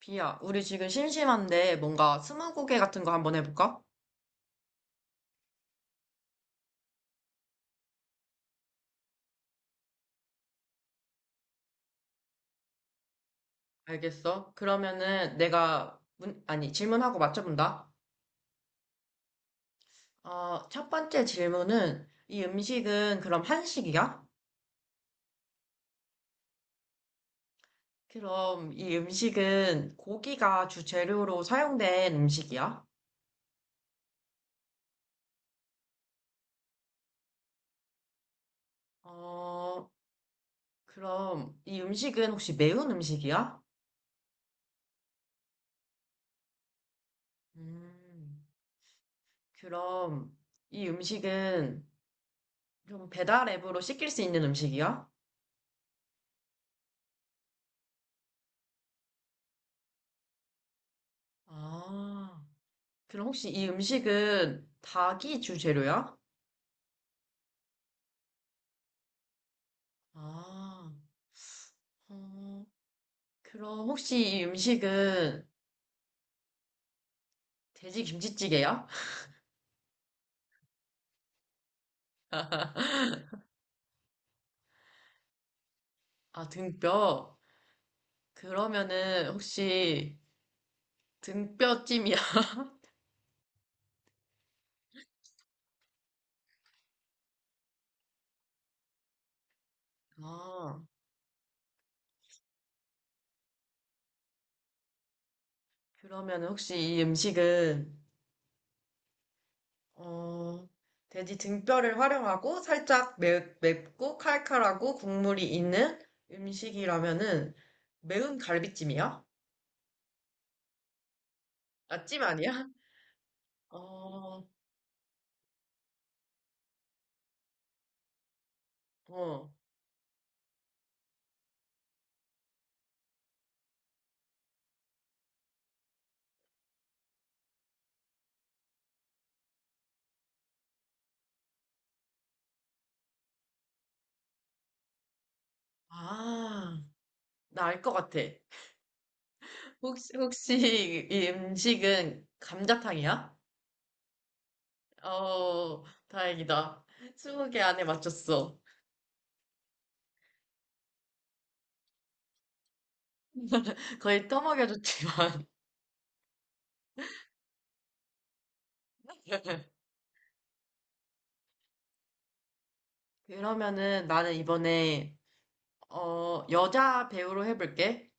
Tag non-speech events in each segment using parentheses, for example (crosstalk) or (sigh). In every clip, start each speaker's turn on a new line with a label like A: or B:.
A: 비야, 우리 지금 심심한데 뭔가 스무고개 같은 거 한번 해볼까? 알겠어. 그러면은 내가 문, 아니, 질문하고 맞춰본다. 첫 번째 질문은 이 음식은 그럼 한식이야? 그럼 이 음식은 고기가 주재료로 사용된 음식이야? 어, 그럼 이 음식은 혹시 매운 음식이야? 음, 그럼 이 음식은 좀 배달 앱으로 시킬 수 있는 음식이야? 아. 그럼 혹시 이 음식은 닭이 주재료야? 아, 어, 그럼 혹시 이 음식은 돼지 김치찌개야? 아, 등뼈. 그러면은 혹시 등뼈찜이야? (laughs) 아, 그러면은 혹시 이 음식은 어, 돼지 등뼈를 활용하고 살짝 매, 맵고 칼칼하고 국물이 있는 음식이라면은 매운 갈비찜이야? 아, 찜 아니야? (laughs) 어, 어. 아, 나 알 것 같아. 혹시, 혹시 이 음식은 감자탕이야? 어, 다행이다. 스무 개 안에 맞췄어. 거의 떠먹여줬지만. (laughs) 그러면은 나는 이번에, 여자 배우로 해볼게.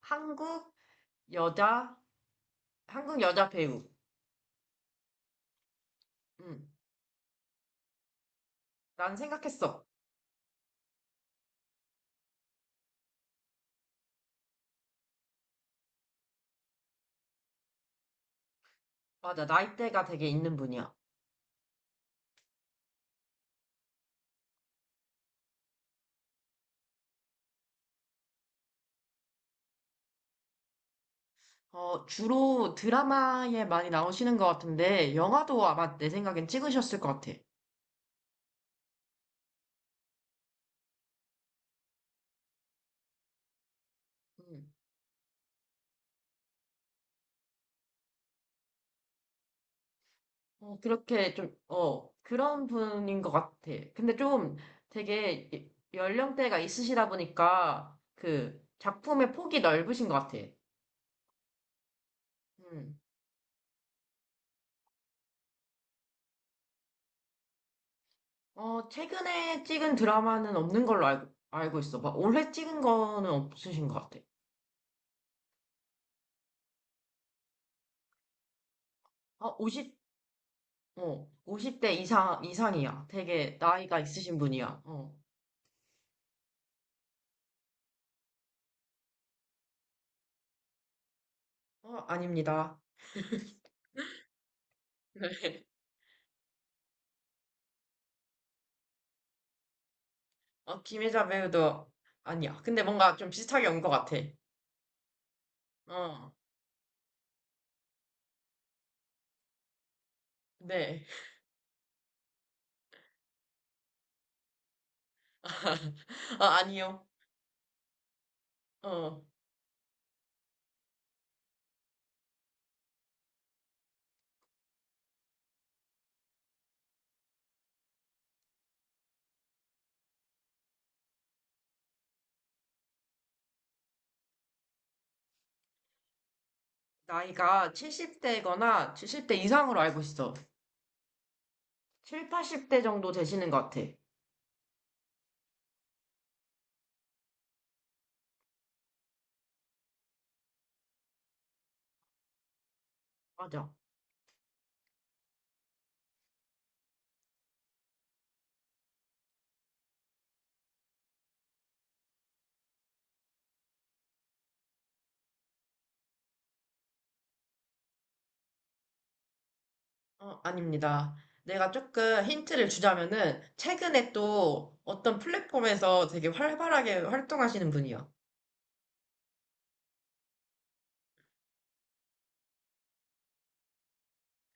A: 한국 여자, 한국 여자 배우. 응, 난 생각했어. 맞아, 나이대가 되게 있는 분이야. 주로 드라마에 많이 나오시는 것 같은데, 영화도 아마 내 생각엔 찍으셨을 것 같아. 음. 어, 그렇게 좀, 어, 그런 분인 것 같아. 근데 좀 되게 연령대가 있으시다 보니까 그 작품의 폭이 넓으신 것 같아. 음. 어, 최근에 찍은 드라마는 없는 걸로 알고, 알고 있어. 막 올해 찍은 거는 없으신 것 같아. 아, 50, 어, 오십 대 이상, 이상이야. 되게 나이가 있으신 분이야. 어, 어, 아닙니다. (laughs) 어, 김혜자 배우도 아니야. 근데 뭔가 좀 비슷하게 온 것 같아. 어, 네. (laughs) 아, 아니요. 어. 나이가 70대거나 70대 이상으로 알고 있어. 7, 80대 정도 되시는 것 같아. 맞아. 어, 아닙니다. 내가 조금 힌트를 주자면은, 최근에 또 어떤 플랫폼에서 되게 활발하게 활동하시는 분이요.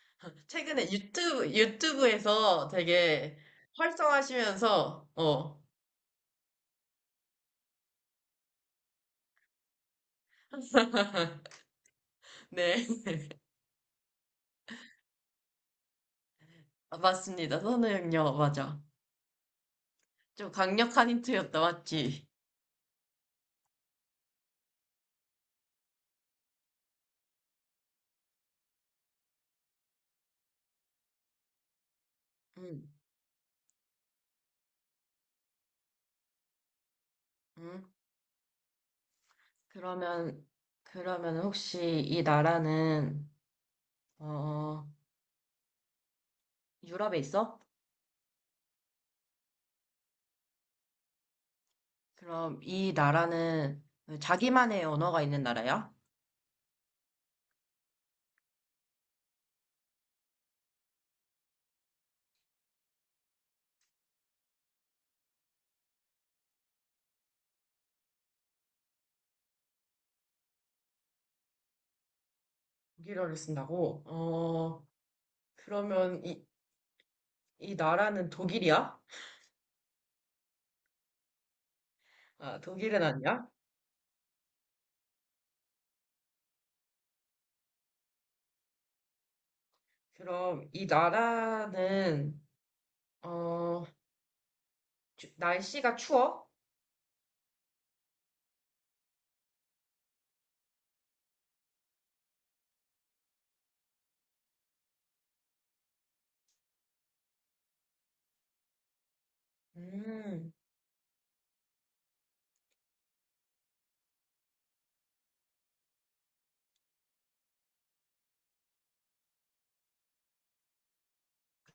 A: (laughs) 최근에 유튜브, 유튜브에서 되게 활성하시면서, 어, 네. (laughs) 아, 맞습니다. 선우형요, 맞아. 좀 강력한 힌트였다, 맞지? 음, 음. 그러면, 그러면 혹시 이 나라는, 어, 유럽에 있어? 그럼 이 나라는 자기만의 언어가 있는 나라야? 독일어를 쓴다고? 어, 그러면 이, 이 나라는 독일이야? 아, 독일은 아니야? 그럼 이 나라는, 어, 날씨가 추워? 음,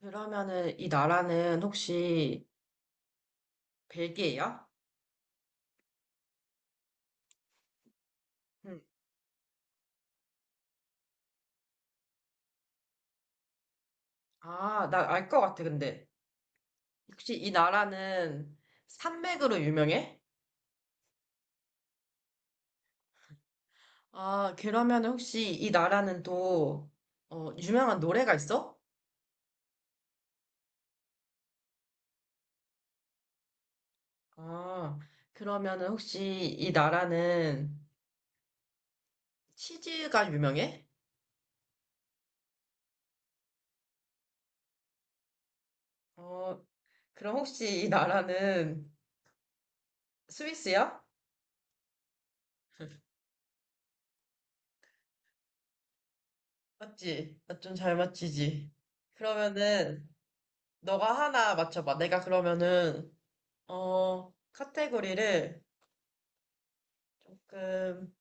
A: 그러면은 이 나라는 혹시 벨기에야? 음. 아, 나 알 것 같아, 근데. 혹시 이 나라는 산맥으로 유명해? 아, 그러면 혹시 이 나라는 또, 어, 유명한 노래가 있어? 아, 그러면 혹시 이 나라는 치즈가 유명해? 어, 그럼 혹시 이 나라는 스위스야? 맞지? 나 좀 잘 맞히지? 그러면은, 너가 하나 맞춰봐. 내가 그러면은, 어, 카테고리를 조금,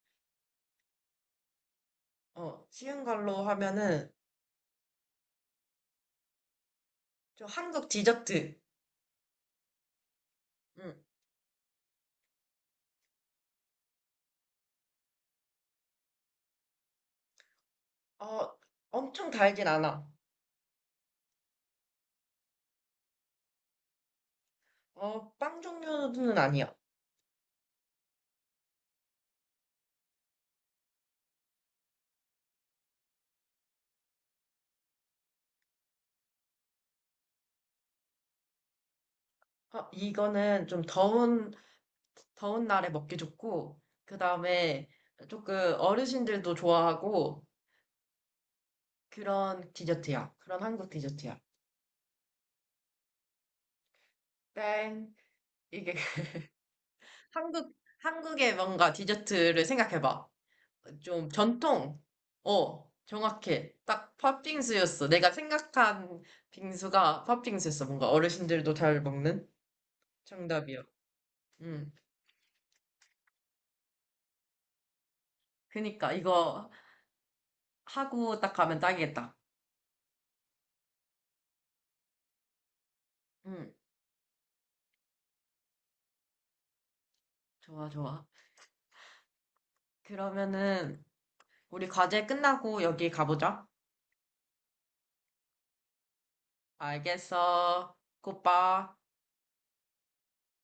A: 어, 쉬운 걸로 하면은, 좀 한국 디저트. 음. 어, 엄청 달진 않아. 어, 빵 종류는 아니야. 어, 이거는 좀 더운, 더운 날에 먹기 좋고, 그 다음에 조금 어르신들도 좋아하고, 그런 디저트야. 그런 한국 디저트야. 땡. 이게 (laughs) 한국, 한국의 뭔가 디저트를 생각해봐. 좀 전통. 어, 정확해. 딱 팥빙수였어. 내가 생각한 빙수가 팥빙수였어. 뭔가 어르신들도 잘 먹는 정답이야. 응. 그니까 이거 하고 딱 가면 딱이겠다. 응, 좋아, 좋아. 그러면은 우리 과제 끝나고 여기 가보자. 알겠어. 굿바.